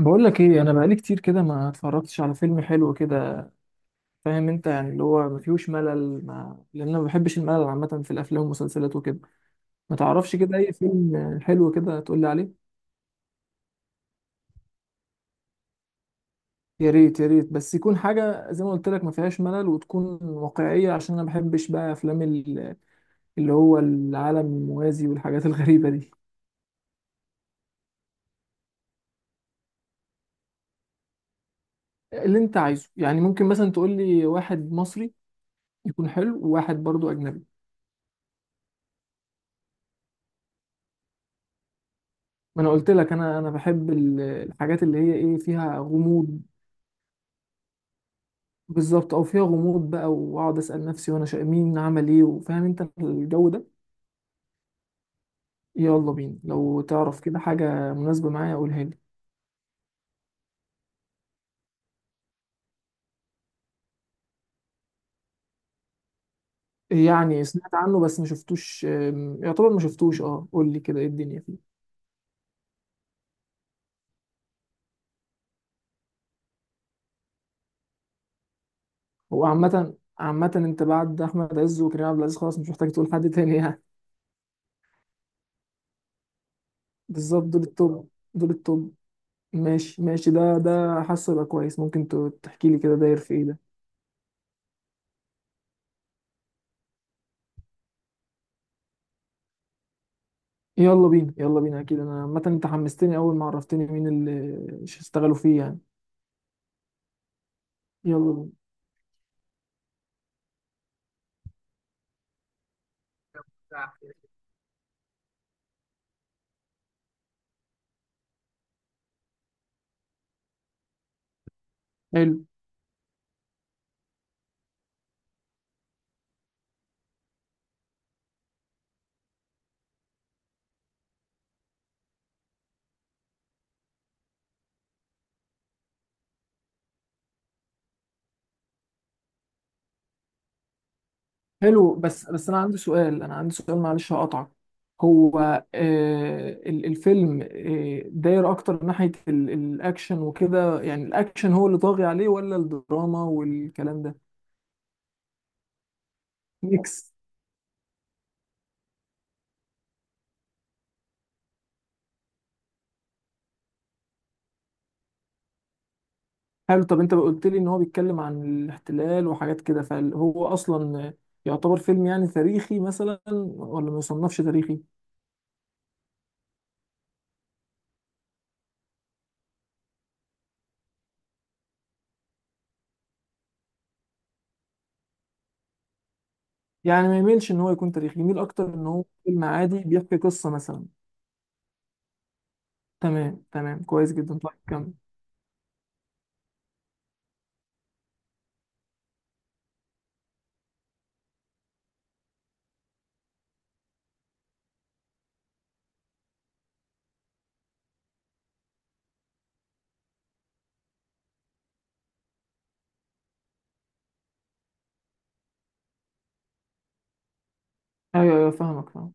بقول لك ايه، انا بقالي كتير كده ما اتفرجتش على فيلم حلو كده. فاهم انت، يعني اللي هو ما فيهوش ملل ما... لان انا ما بحبش الملل عامه في الافلام والمسلسلات وكده. ما تعرفش كده اي فيلم حلو كده تقول لي عليه؟ يا ريت يا ريت، بس يكون حاجه زي ما قلت لك ما فيهاش ملل وتكون واقعيه، عشان انا ما بحبش بقى افلام اللي هو العالم الموازي والحاجات الغريبه دي. اللي انت عايزه، يعني ممكن مثلا تقول لي واحد مصري يكون حلو وواحد برضو اجنبي. ما انا قلت لك، انا بحب الحاجات اللي هي ايه، فيها غموض. بالظبط، او فيها غموض بقى واقعد اسال نفسي وانا شا... مين عمل ايه، وفاهم انت الجو ده. يلا بينا، لو تعرف كده حاجه مناسبه معايا قولها لي. يعني سمعت عنه بس ما شفتوش، يعتبر ما شفتوش. اه قول لي كده ايه الدنيا فيه. هو عامه عامه انت بعد احمد عز وكريم عبد العزيز خلاص مش محتاج تقول حد تاني يعني. بالظبط، دول التوب، دول التوب. ماشي ماشي، ده حاسه يبقى كويس. ممكن تحكي لي كده داير في ايه ده؟ يلا بينا يلا بينا، اكيد انا عامه انت حمستني اول ما عرفتني مين اللي اشتغلوا فيه يعني. يلا بينا. حلو. حلو، بس انا عندي سؤال، انا عندي سؤال، معلش هقطعك. هو آه، الفيلم آه داير اكتر ناحية الاكشن وكده؟ يعني الاكشن هو اللي طاغي عليه ولا الدراما والكلام ده؟ ميكس. حلو. طب انت قلت لي ان هو بيتكلم عن الاحتلال وحاجات كده، فهو اصلا يعتبر فيلم يعني تاريخي مثلا، ولا ما يصنفش تاريخي؟ يعني ما يميلش ان هو يكون تاريخي، يميل اكتر ان هو فيلم عادي بيحكي قصة مثلا. تمام تمام، كويس جدا، طيب كمل. ايوه ايوه، فاهمك فاهم.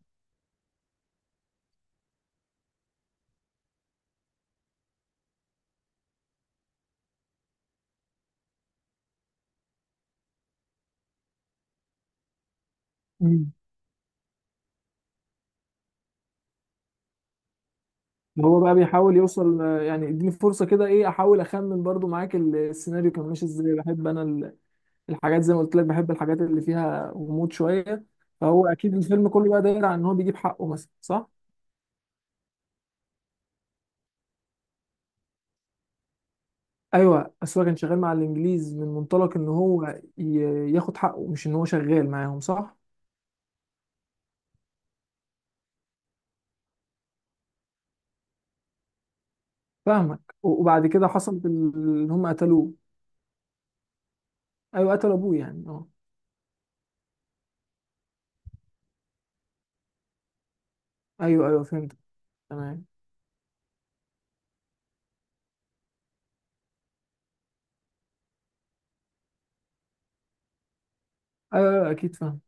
مم. هو بقى بيحاول يوصل آه، يعني اديني فرصة كده ايه، احاول اخمن برضو معاك السيناريو كان ماشي ازاي. بحب انا الحاجات زي ما قلت لك، بحب الحاجات اللي فيها غموض شوية. فهو اكيد الفيلم كله بقى داير عن ان هو بيجيب حقه مثلا، صح؟ ايوه، بس هو كان شغال مع الانجليز من منطلق ان هو ياخد حقه، مش ان هو شغال معاهم، صح؟ فاهمك. و- وبعد كده حصل ان هم قتلوه. ايوه قتلوا ابوه يعني، اه. ايوه ايوه فهمت. تمام. ايوه أيوة، اكيد فاهم.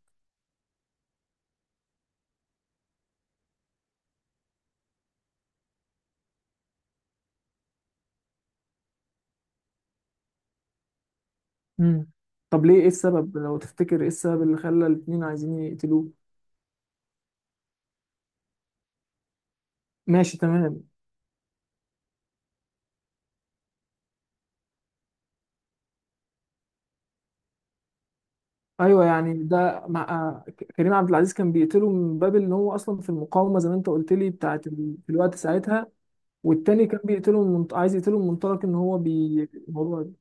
مم. طب ليه، ايه السبب لو تفتكر، ايه السبب اللي خلى الاتنين عايزين يقتلوه؟ ماشي تمام. ايوه يعني ده مع آه، كريم عبد العزيز كان بيقتله من باب ان هو اصلا في المقاومه زي ما انت قلت لي بتاعت ال... في الوقت ساعتها. والتاني كان بيقتله من منط... عايز يقتله من منطلق ان هو بي الموضوع ده.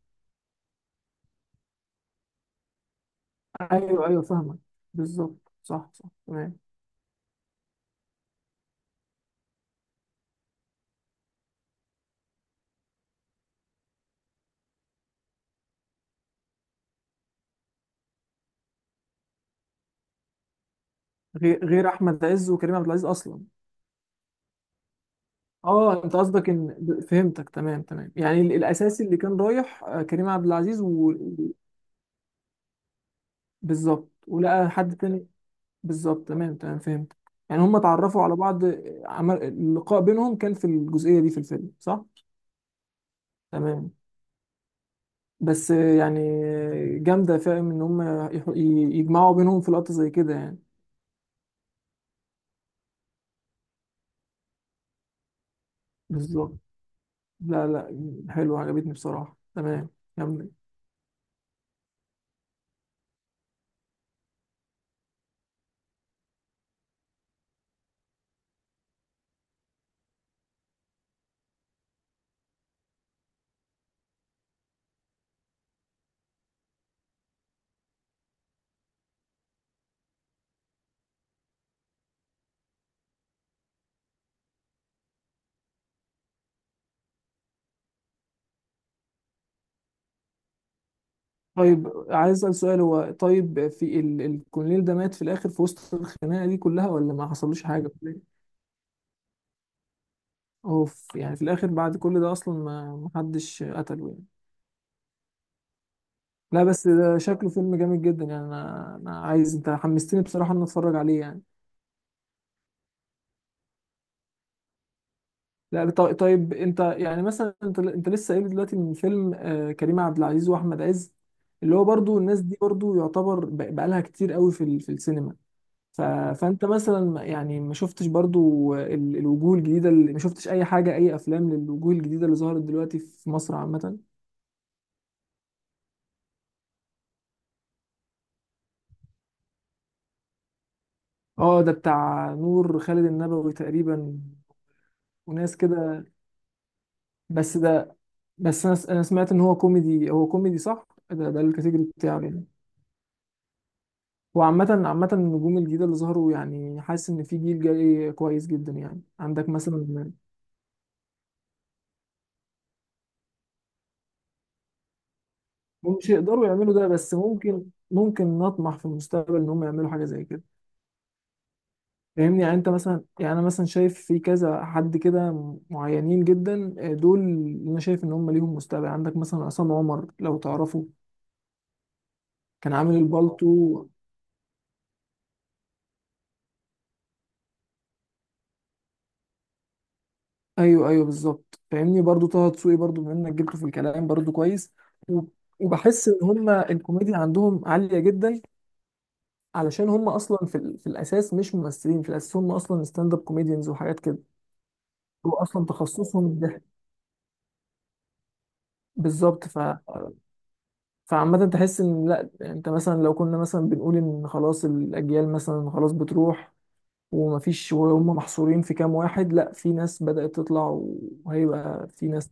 ايوه ايوه فاهمك. بالظبط، صح صح، تمام. غير غير احمد عز وكريم عبد العزيز اصلا؟ اه انت قصدك ان، فهمتك تمام تمام، يعني الاساسي اللي كان رايح آه، كريم عبد العزيز و... بالظبط، ولقى حد تاني. بالظبط تمام تمام فهمت. يعني هم اتعرفوا على بعض، عمل اللقاء بينهم كان في الجزئية دي في الفيلم، صح؟ تمام. بس يعني جامدة، فاهم ان هم يح- ي- يجمعوا بينهم في لقطة زي كده يعني. بالظبط. لا لا، حلوة عجبتني بصراحة، تمام. كمل. طيب عايز اسأل سؤال، هو طيب في ال... الكولونيل ده مات في الاخر في وسط الخناقة دي كلها، ولا ما حصلوش حاجة في الآخر؟ اوف، يعني في الاخر بعد كل ده اصلا، ما حدش قتله يعني. لا بس ده شكله فيلم جامد جدا يعني، انا عايز، انت حمستني بصراحه ان أنا اتفرج عليه يعني. لا طيب انت يعني مثلا، انت لسه قايل دلوقتي من فيلم آه، كريم عبد العزيز واحمد عز، اللي هو برضو الناس دي برضو يعتبر بقالها كتير قوي في في السينما. ف... فانت مثلا يعني ما شفتش برضو الوجوه الجديده، اللي ما شفتش اي حاجه، اي افلام للوجوه الجديده اللي ظهرت دلوقتي في مصر عامه؟ اه ده بتاع نور خالد النبوي تقريبا وناس كده. بس ده، بس انا أنا سمعت ان هو كوميدي، هو كوميدي صح؟ ده الكاتيجوري بتاعه يعني. وعامة عامة النجوم الجديدة اللي ظهروا، يعني حاسس ان في جيل جاي كويس جدا، يعني عندك مثلا، هم مش يقدروا يعملوا ده بس ممكن، ممكن نطمح في المستقبل ان هم يعملوا حاجة زي كده. فاهمني يعني؟ انت مثلا، يعني انا مثلا شايف في كذا حد كده معينين جدا آه، دول انا شايف ان هم ليهم مستقبل. عندك مثلا عصام عمر لو تعرفه، كان عامل اه البالتو. ايوه ايوه بالظبط، فاهمني. برضو طه دسوقي برضو، بما انك جبته في الكلام برضو كويس، و- وبحس ان هما الكوميديا عندهم عاليه جدا، علشان هما اصلا في، ال... في الاساس مش ممثلين، في الاساس هما اصلا ستاند اب كوميديانز وحاجات كده. هو اصلا تخصصهم الضحك. بالظبط ف، فعامة تحس ان لا، انت مثلا لو كنا مثلا بنقول ان خلاص الاجيال مثلا خلاص بتروح، ومفيش وهم محصورين في كام واحد، لا في ناس بدأت تطلع، وهيبقى في ناس.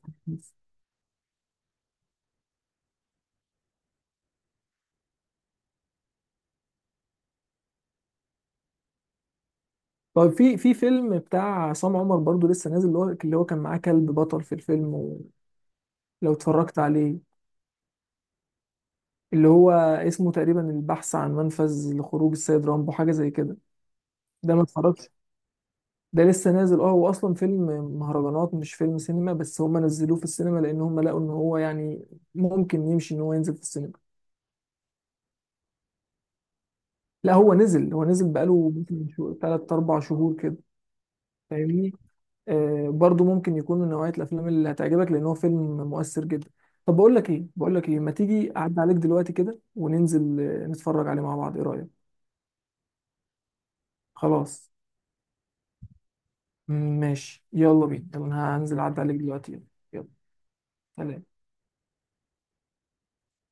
طيب في، في فيلم بتاع عصام عمر برضو لسه نازل، اللي هو كان معاه كلب بطل في الفيلم، ولو اتفرجت عليه، اللي هو اسمه تقريبا البحث عن منفذ لخروج السيد رامبو، حاجة زي كده. ده ما اتفرجتش. ده لسه نازل، اه هو اصلا فيلم مهرجانات، مش فيلم سينما، بس هم نزلوه في السينما لان هم لقوا ان هو يعني ممكن يمشي ان هو ينزل في السينما. لا هو نزل، هو نزل بقاله ممكن 3 4 شهور كده. فاهمني. آه، برضو ممكن يكون من نوعية الأفلام اللي هتعجبك لأن هو فيلم مؤثر جدا. طب بقول لك إيه، بقول لك إيه، ما تيجي أعدي عليك دلوقتي كده وننزل آه، نتفرج عليه مع بعض، إيه رأيك؟ خلاص ماشي يلا بينا، يلا أنا هنزل أعدي عليك دلوقتي، يلا يلا. سلام.